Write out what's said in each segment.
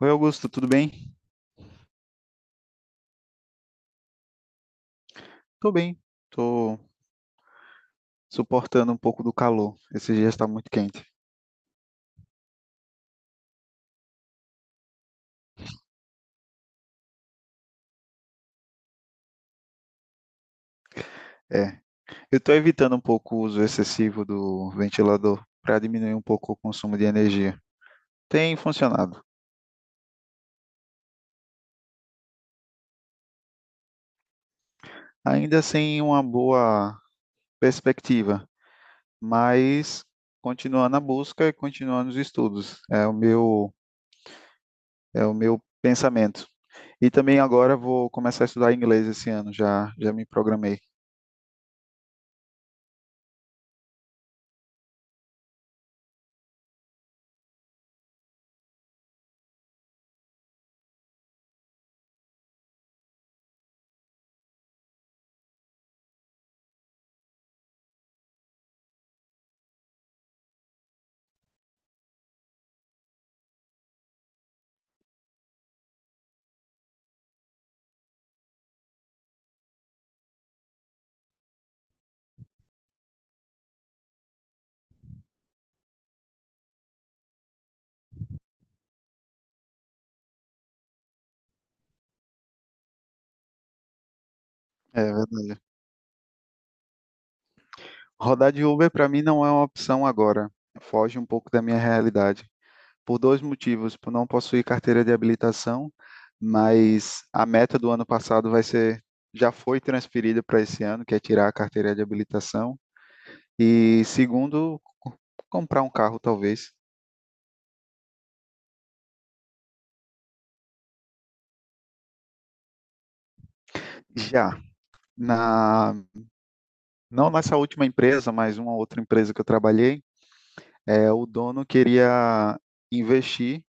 Oi, Augusto, tudo bem? Tô bem. Tô suportando um pouco do calor. Esse dia está muito quente. É. Eu tô evitando um pouco o uso excessivo do ventilador para diminuir um pouco o consumo de energia. Tem funcionado. Ainda sem uma boa perspectiva, mas continuando a busca e continuando os estudos. É o meu pensamento. E também agora vou começar a estudar inglês esse ano, já me programei. É verdade. Rodar de Uber para mim não é uma opção agora. Foge um pouco da minha realidade. Por dois motivos: por não possuir carteira de habilitação, mas a meta do ano passado vai ser, já foi transferida para esse ano, que é tirar a carteira de habilitação. E segundo, comprar um carro talvez. Já na não nessa última empresa, mas uma outra empresa que eu trabalhei, o dono queria investir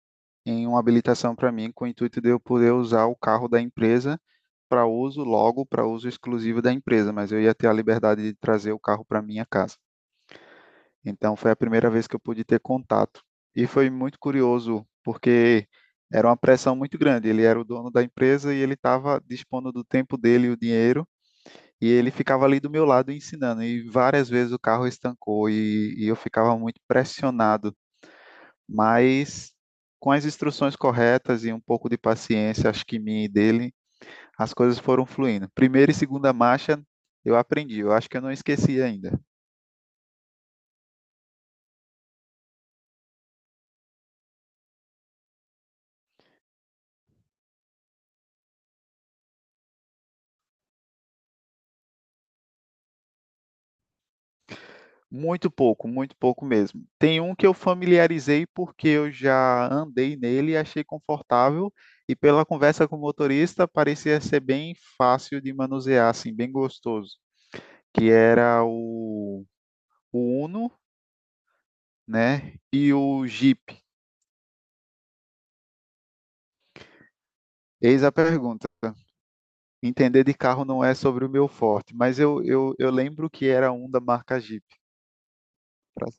em uma habilitação para mim com o intuito de eu poder usar o carro da empresa para uso, logo para uso exclusivo da empresa, mas eu ia ter a liberdade de trazer o carro para minha casa. Então foi a primeira vez que eu pude ter contato, e foi muito curioso porque era uma pressão muito grande. Ele era o dono da empresa e ele estava dispondo do tempo dele e o dinheiro, e ele ficava ali do meu lado ensinando. E várias vezes o carro estancou e eu ficava muito pressionado, mas com as instruções corretas e um pouco de paciência, acho que minha e dele, as coisas foram fluindo. Primeira e segunda marcha eu aprendi, eu acho que eu não esqueci ainda. Muito pouco mesmo. Tem um que eu familiarizei porque eu já andei nele e achei confortável, e pela conversa com o motorista parecia ser bem fácil de manusear, assim, bem gostoso, que era o Uno, né, e o Jeep. Eis a pergunta. Entender de carro não é sobre o meu forte, mas eu lembro que era um da marca Jeep, pra-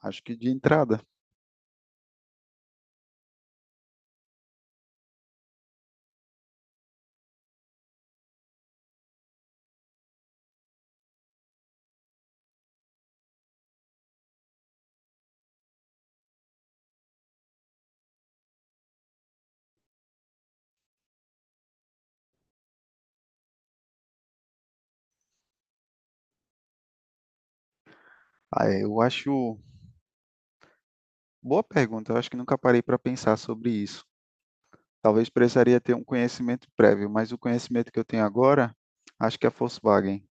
acho que de entrada. Eu acho boa pergunta. Eu acho que nunca parei para pensar sobre isso. Talvez precisaria ter um conhecimento prévio, mas o conhecimento que eu tenho agora, acho que é Volkswagen,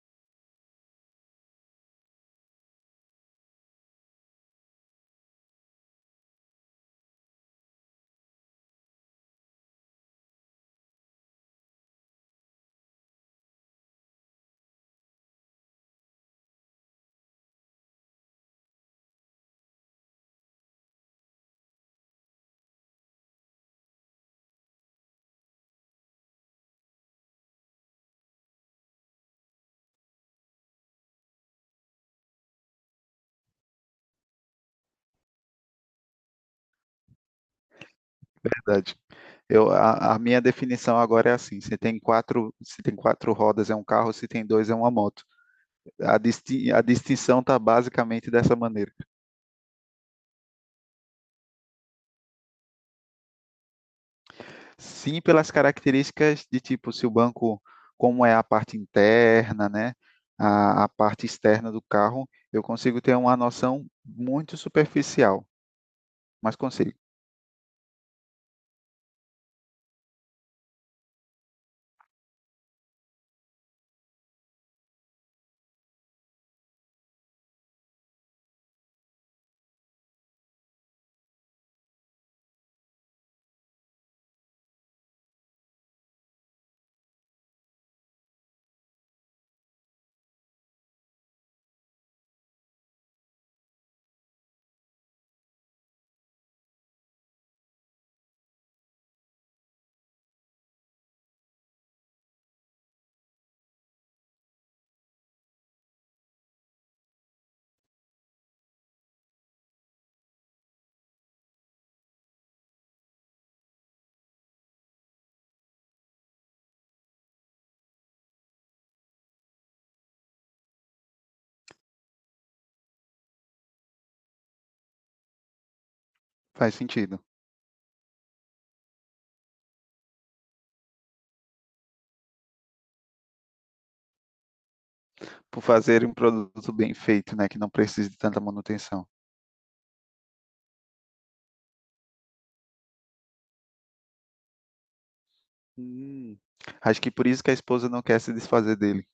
verdade. A minha definição agora é assim: se tem quatro rodas é um carro, se tem dois é uma moto. A distinção está basicamente dessa maneira. Sim, pelas características de tipo, se o banco, como é a parte interna, né, a parte externa do carro, eu consigo ter uma noção muito superficial, mas consigo. Faz sentido. Por fazer um produto bem feito, né, que não precise de tanta manutenção. Hum, acho que por isso que a esposa não quer se desfazer dele.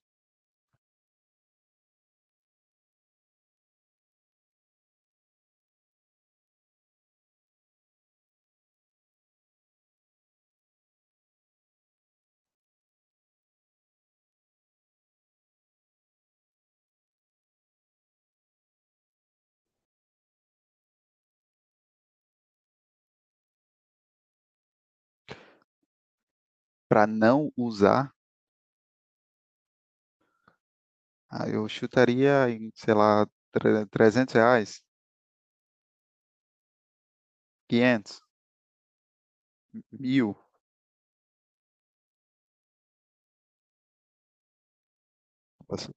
Para não usar, ah, eu chutaria em, sei lá, 300 reais, 500, mil. Nossa.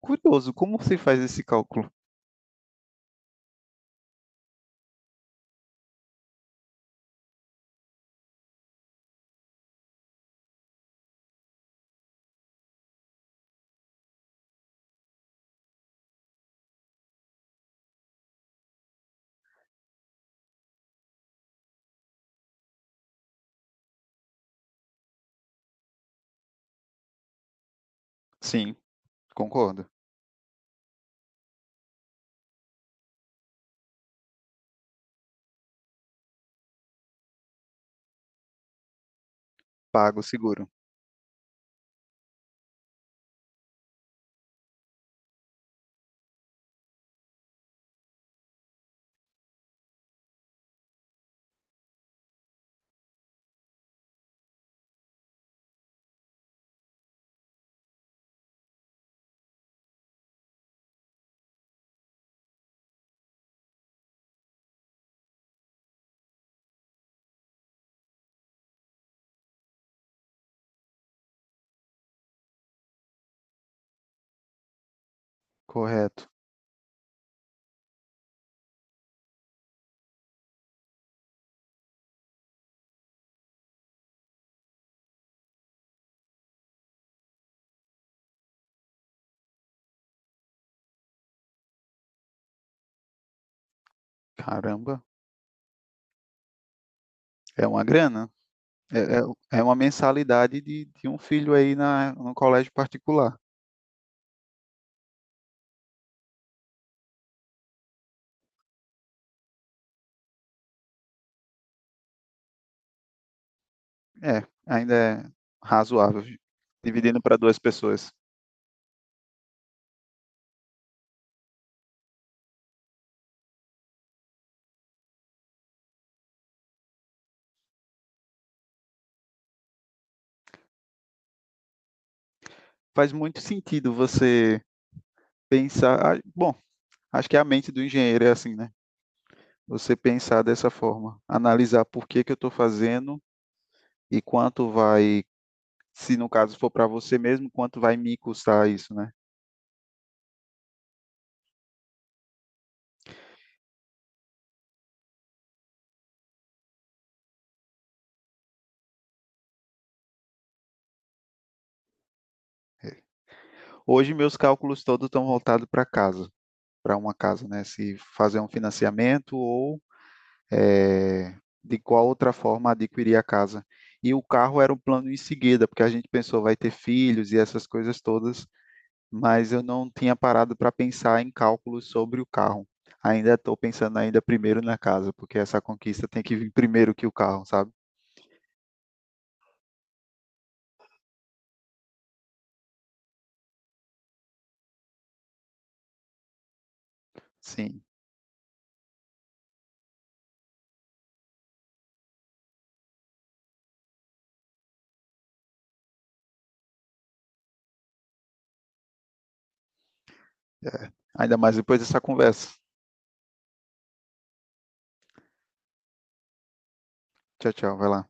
Curioso, como se faz esse cálculo? Sim, concordo. Pago seguro. Correto. Caramba, é uma grana. É uma mensalidade de um filho aí na, no colégio particular. É, ainda é razoável, dividindo para duas pessoas. Faz muito sentido você pensar. Ah, bom, acho que a mente do engenheiro é assim, né? Você pensar dessa forma, analisar por que que eu estou fazendo e quanto vai, se no caso for para você mesmo, quanto vai me custar isso, né? Hoje meus cálculos todos estão voltados para casa, para uma casa, né? Se fazer um financiamento ou, é, de qual outra forma adquirir a casa. E o carro era um plano em seguida, porque a gente pensou vai ter filhos e essas coisas todas. Mas eu não tinha parado para pensar em cálculos sobre o carro. Ainda estou pensando ainda primeiro na casa, porque essa conquista tem que vir primeiro que o carro, sabe? Sim, é. Ainda mais depois dessa conversa. Tchau, tchau, vai lá.